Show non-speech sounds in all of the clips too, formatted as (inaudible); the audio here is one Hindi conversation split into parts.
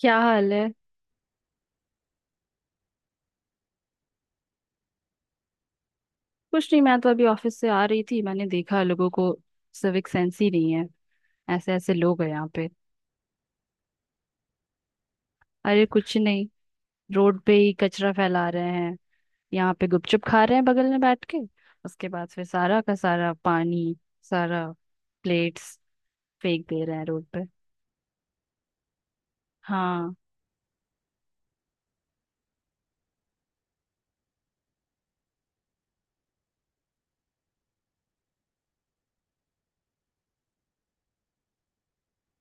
क्या हाल है। कुछ नहीं, मैं तो अभी ऑफिस से आ रही थी। मैंने देखा लोगों को सिविक सेंस ही नहीं है। ऐसे ऐसे लोग हैं यहाँ पे। अरे कुछ नहीं। रोड पे ही कचरा फैला रहे हैं। यहाँ पे गुपचुप खा रहे हैं बगल में बैठ के। उसके बाद फिर सारा का सारा पानी, सारा प्लेट्स फेंक दे रहे हैं रोड पे। हाँ।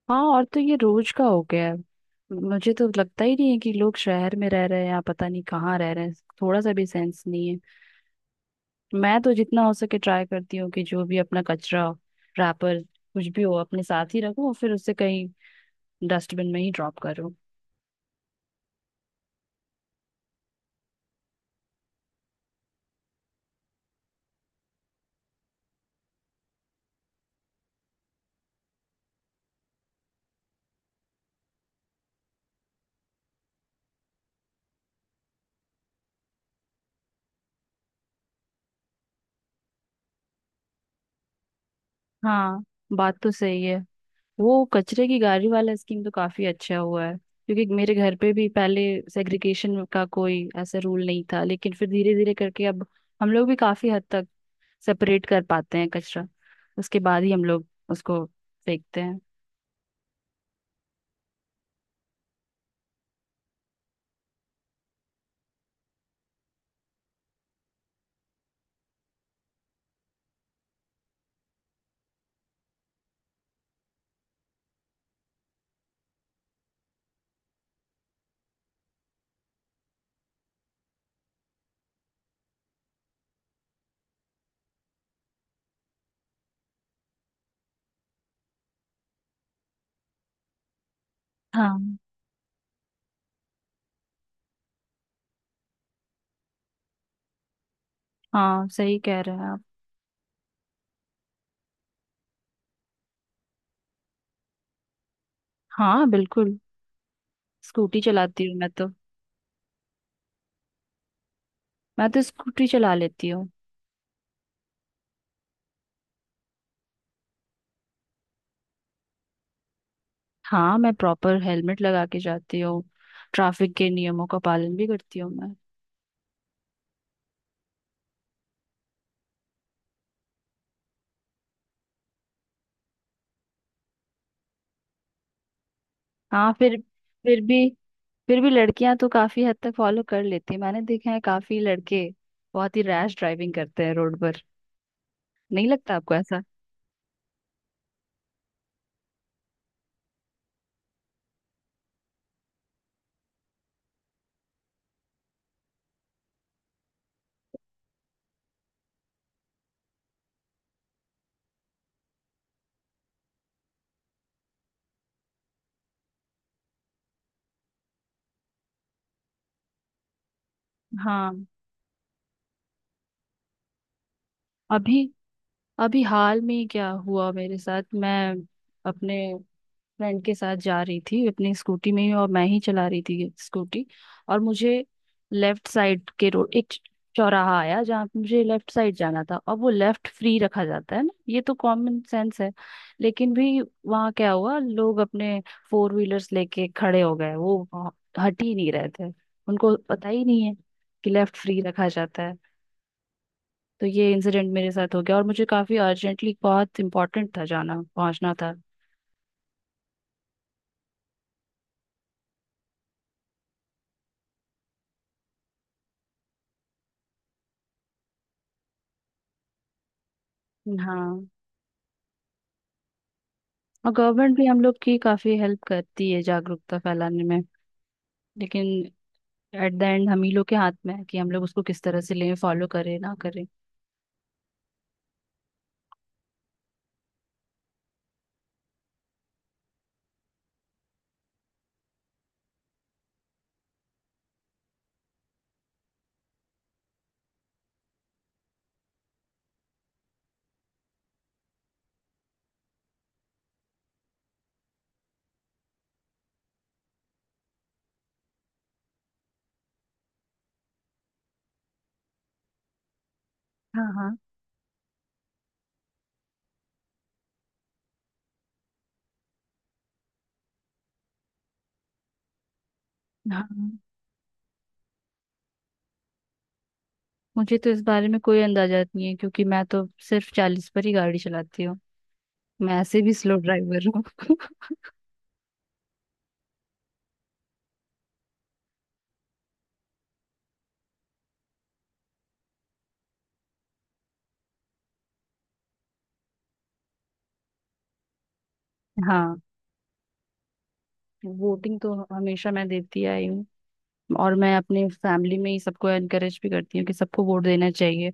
हाँ, और तो ये रोज का हो गया है। मुझे तो लगता ही नहीं है कि लोग शहर में रह रहे हैं या पता नहीं कहाँ रह रहे हैं। थोड़ा सा भी सेंस नहीं है। मैं तो जितना हो सके ट्राई करती हूँ कि जो भी अपना कचरा, रैपर कुछ भी हो, अपने साथ ही रखूं और फिर उसे कहीं डस्टबिन में ही ड्रॉप करूँ। हाँ, बात तो सही है। वो कचरे की गाड़ी वाला स्कीम तो काफी अच्छा हुआ है क्योंकि मेरे घर पे भी पहले सेग्रीगेशन का कोई ऐसा रूल नहीं था, लेकिन फिर धीरे धीरे करके अब हम लोग भी काफी हद तक सेपरेट कर पाते हैं कचरा। उसके बाद ही हम लोग उसको फेंकते हैं। हाँ। हाँ, सही कह रहे हैं आप। हाँ, बिल्कुल। स्कूटी चलाती हूँ मैं तो। मैं तो स्कूटी चला लेती हूँ। हाँ, मैं प्रॉपर हेलमेट लगा के जाती हूँ। ट्रैफिक के नियमों का पालन भी करती हूँ मैं। हाँ। फिर भी फिर भी लड़कियां तो काफी हद तक फॉलो कर लेती हैं। मैंने देखा है काफी लड़के बहुत ही रैश ड्राइविंग करते हैं रोड पर। नहीं लगता आपको ऐसा? हाँ। अभी अभी हाल में ही क्या हुआ मेरे साथ, मैं अपने फ्रेंड के साथ जा रही थी अपनी स्कूटी में ही, और मैं ही चला रही थी स्कूटी। और मुझे लेफ्ट साइड के रोड एक चौराहा आया जहाँ पे मुझे लेफ्ट साइड जाना था, और वो लेफ्ट फ्री रखा जाता है ना, ये तो कॉमन सेंस है। लेकिन भी वहाँ क्या हुआ, लोग अपने फोर व्हीलर्स लेके खड़े हो गए वो वहाँ, हट ही नहीं रहे थे। उनको पता ही नहीं है कि लेफ्ट फ्री रखा जाता है। तो ये इंसिडेंट मेरे साथ हो गया और मुझे काफी अर्जेंटली बहुत इंपॉर्टेंट था, जाना पहुंचना था। हाँ। और गवर्नमेंट भी हम लोग की काफी हेल्प करती है जागरूकता फैलाने में। लेकिन एट द एंड हम ही लोग के हाथ में है कि हम लोग उसको किस तरह से लें, फॉलो करें ना करें। हाँ, हाँ, हाँ। मुझे तो इस बारे में कोई अंदाजा नहीं है क्योंकि मैं तो सिर्फ 40 पर ही गाड़ी चलाती हूँ। मैं ऐसे भी स्लो ड्राइवर हूँ। (laughs) हाँ। वोटिंग तो हमेशा मैं देती आई हूँ। और मैं अपने फैमिली में ही सबको एनकरेज भी करती हूँ कि सबको वोट देना चाहिए।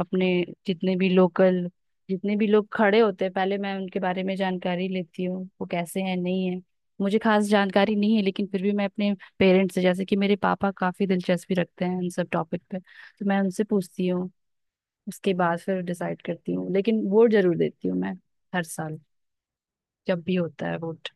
अपने जितने भी लोकल, जितने भी लोग खड़े होते हैं, पहले मैं उनके बारे में जानकारी लेती हूँ वो कैसे हैं नहीं है। मुझे खास जानकारी नहीं है लेकिन फिर भी मैं अपने पेरेंट्स से, जैसे कि मेरे पापा काफी दिलचस्पी रखते हैं इन सब टॉपिक पे, तो मैं उनसे पूछती हूँ। उसके बाद फिर डिसाइड करती हूँ, लेकिन वोट जरूर देती हूँ मैं, हर साल जब भी होता है वोट।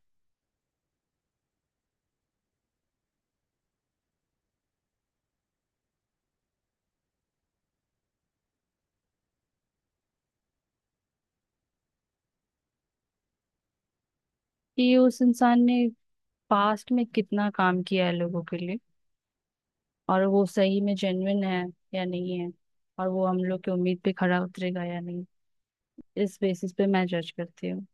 कि उस इंसान ने पास्ट में कितना काम किया है लोगों के लिए, और वो सही में जेन्युइन है या नहीं है, और वो हम लोग की उम्मीद पे खरा उतरेगा या नहीं, इस बेसिस पे मैं जज करती हूँ।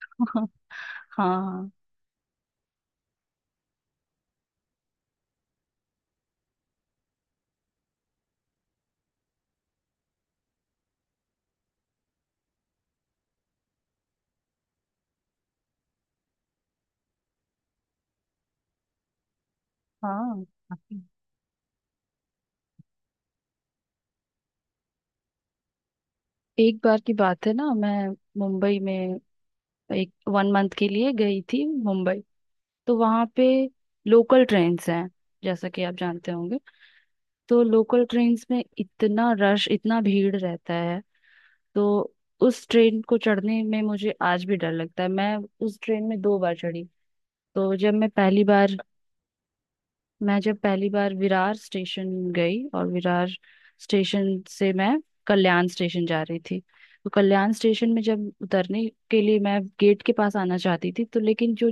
(laughs) हाँ। हाँ, हाँ, काफी। एक बार की बात है ना, मैं मुंबई में एक 1 मंथ के लिए गई थी मुंबई। तो वहां पे लोकल ट्रेन्स हैं, जैसा कि आप जानते होंगे। तो लोकल ट्रेन्स में इतना रश, इतना भीड़ रहता है। तो उस ट्रेन को चढ़ने में मुझे आज भी डर लगता है। मैं उस ट्रेन में 2 बार चढ़ी। तो जब मैं पहली बार मैं जब पहली बार विरार स्टेशन गई, और विरार स्टेशन से मैं कल्याण स्टेशन जा रही थी। तो कल्याण स्टेशन में जब उतरने के लिए मैं गेट के पास आना चाहती थी, तो लेकिन जो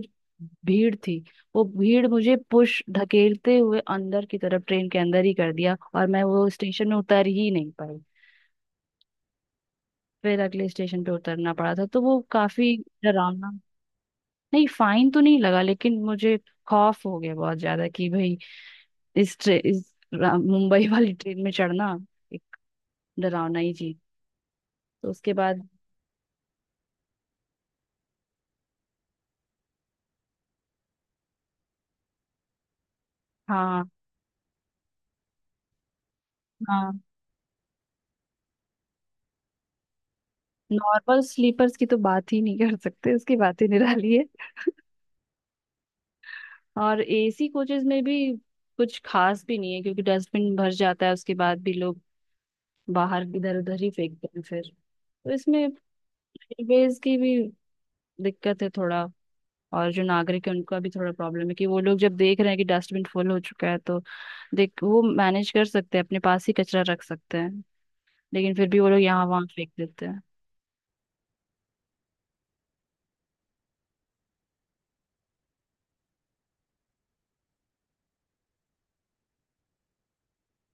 भीड़ थी, वो भीड़ मुझे पुश धकेलते हुए अंदर की तरफ ट्रेन के अंदर ही कर दिया, और मैं वो स्टेशन में उतर ही नहीं पाई। फिर अगले स्टेशन पे उतरना पड़ा था, तो वो काफी डरावना। नहीं, फाइन तो नहीं लगा लेकिन मुझे खौफ हो गया बहुत ज्यादा कि भाई इस, ट्रे, इस रा- मुंबई (laughs) वाली ट्रेन में चढ़ना एक डरावना ही चीज। तो उसके बाद। हाँ। हाँ। नॉर्मल स्लीपर्स की तो बात ही नहीं कर सकते, उसकी बात ही निराली है। और एसी कोचेज में भी कुछ खास भी नहीं है क्योंकि डस्टबिन भर जाता है, उसके बाद भी लोग बाहर इधर उधर ही फेंकते हैं फिर। तो इसमें रेलवेज की भी दिक्कत है थोड़ा, और जो नागरिक है उनका भी थोड़ा प्रॉब्लम है कि वो लोग जब देख रहे हैं कि डस्टबिन फुल हो चुका है, तो देख वो मैनेज कर सकते हैं, अपने पास ही कचरा रख सकते हैं, लेकिन फिर भी वो लोग यहाँ वहाँ फेंक देते हैं।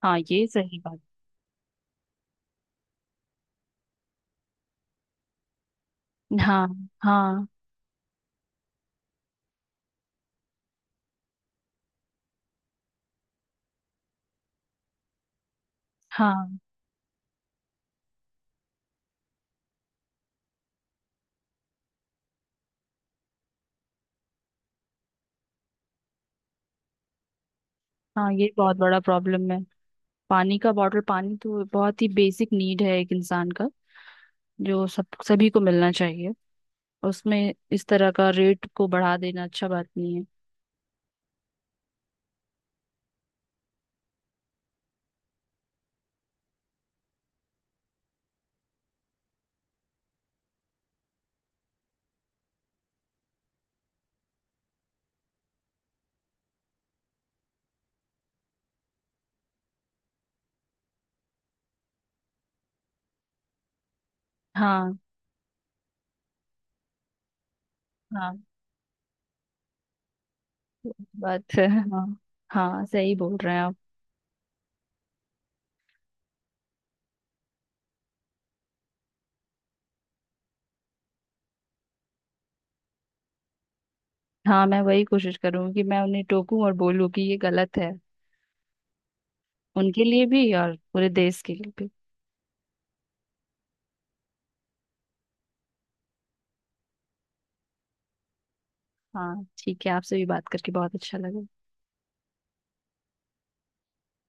हाँ, ये सही बात। हाँ, हाँ, हाँ। हाँ, ये बहुत बड़ा प्रॉब्लम है। पानी का बॉटल, पानी तो बहुत ही बेसिक नीड है एक इंसान का, जो सब सभी को मिलना चाहिए। उसमें इस तरह का रेट को बढ़ा देना अच्छा बात नहीं है। हाँ। हाँ, बात है। हाँ, हाँ, सही बोल रहे हैं आप। हाँ, मैं वही कोशिश करूँ कि मैं उन्हें टोकूं और बोलूँ कि ये गलत है। उनके लिए भी और पूरे देश के लिए भी। हाँ, ठीक है। आपसे भी बात करके बहुत अच्छा लगा।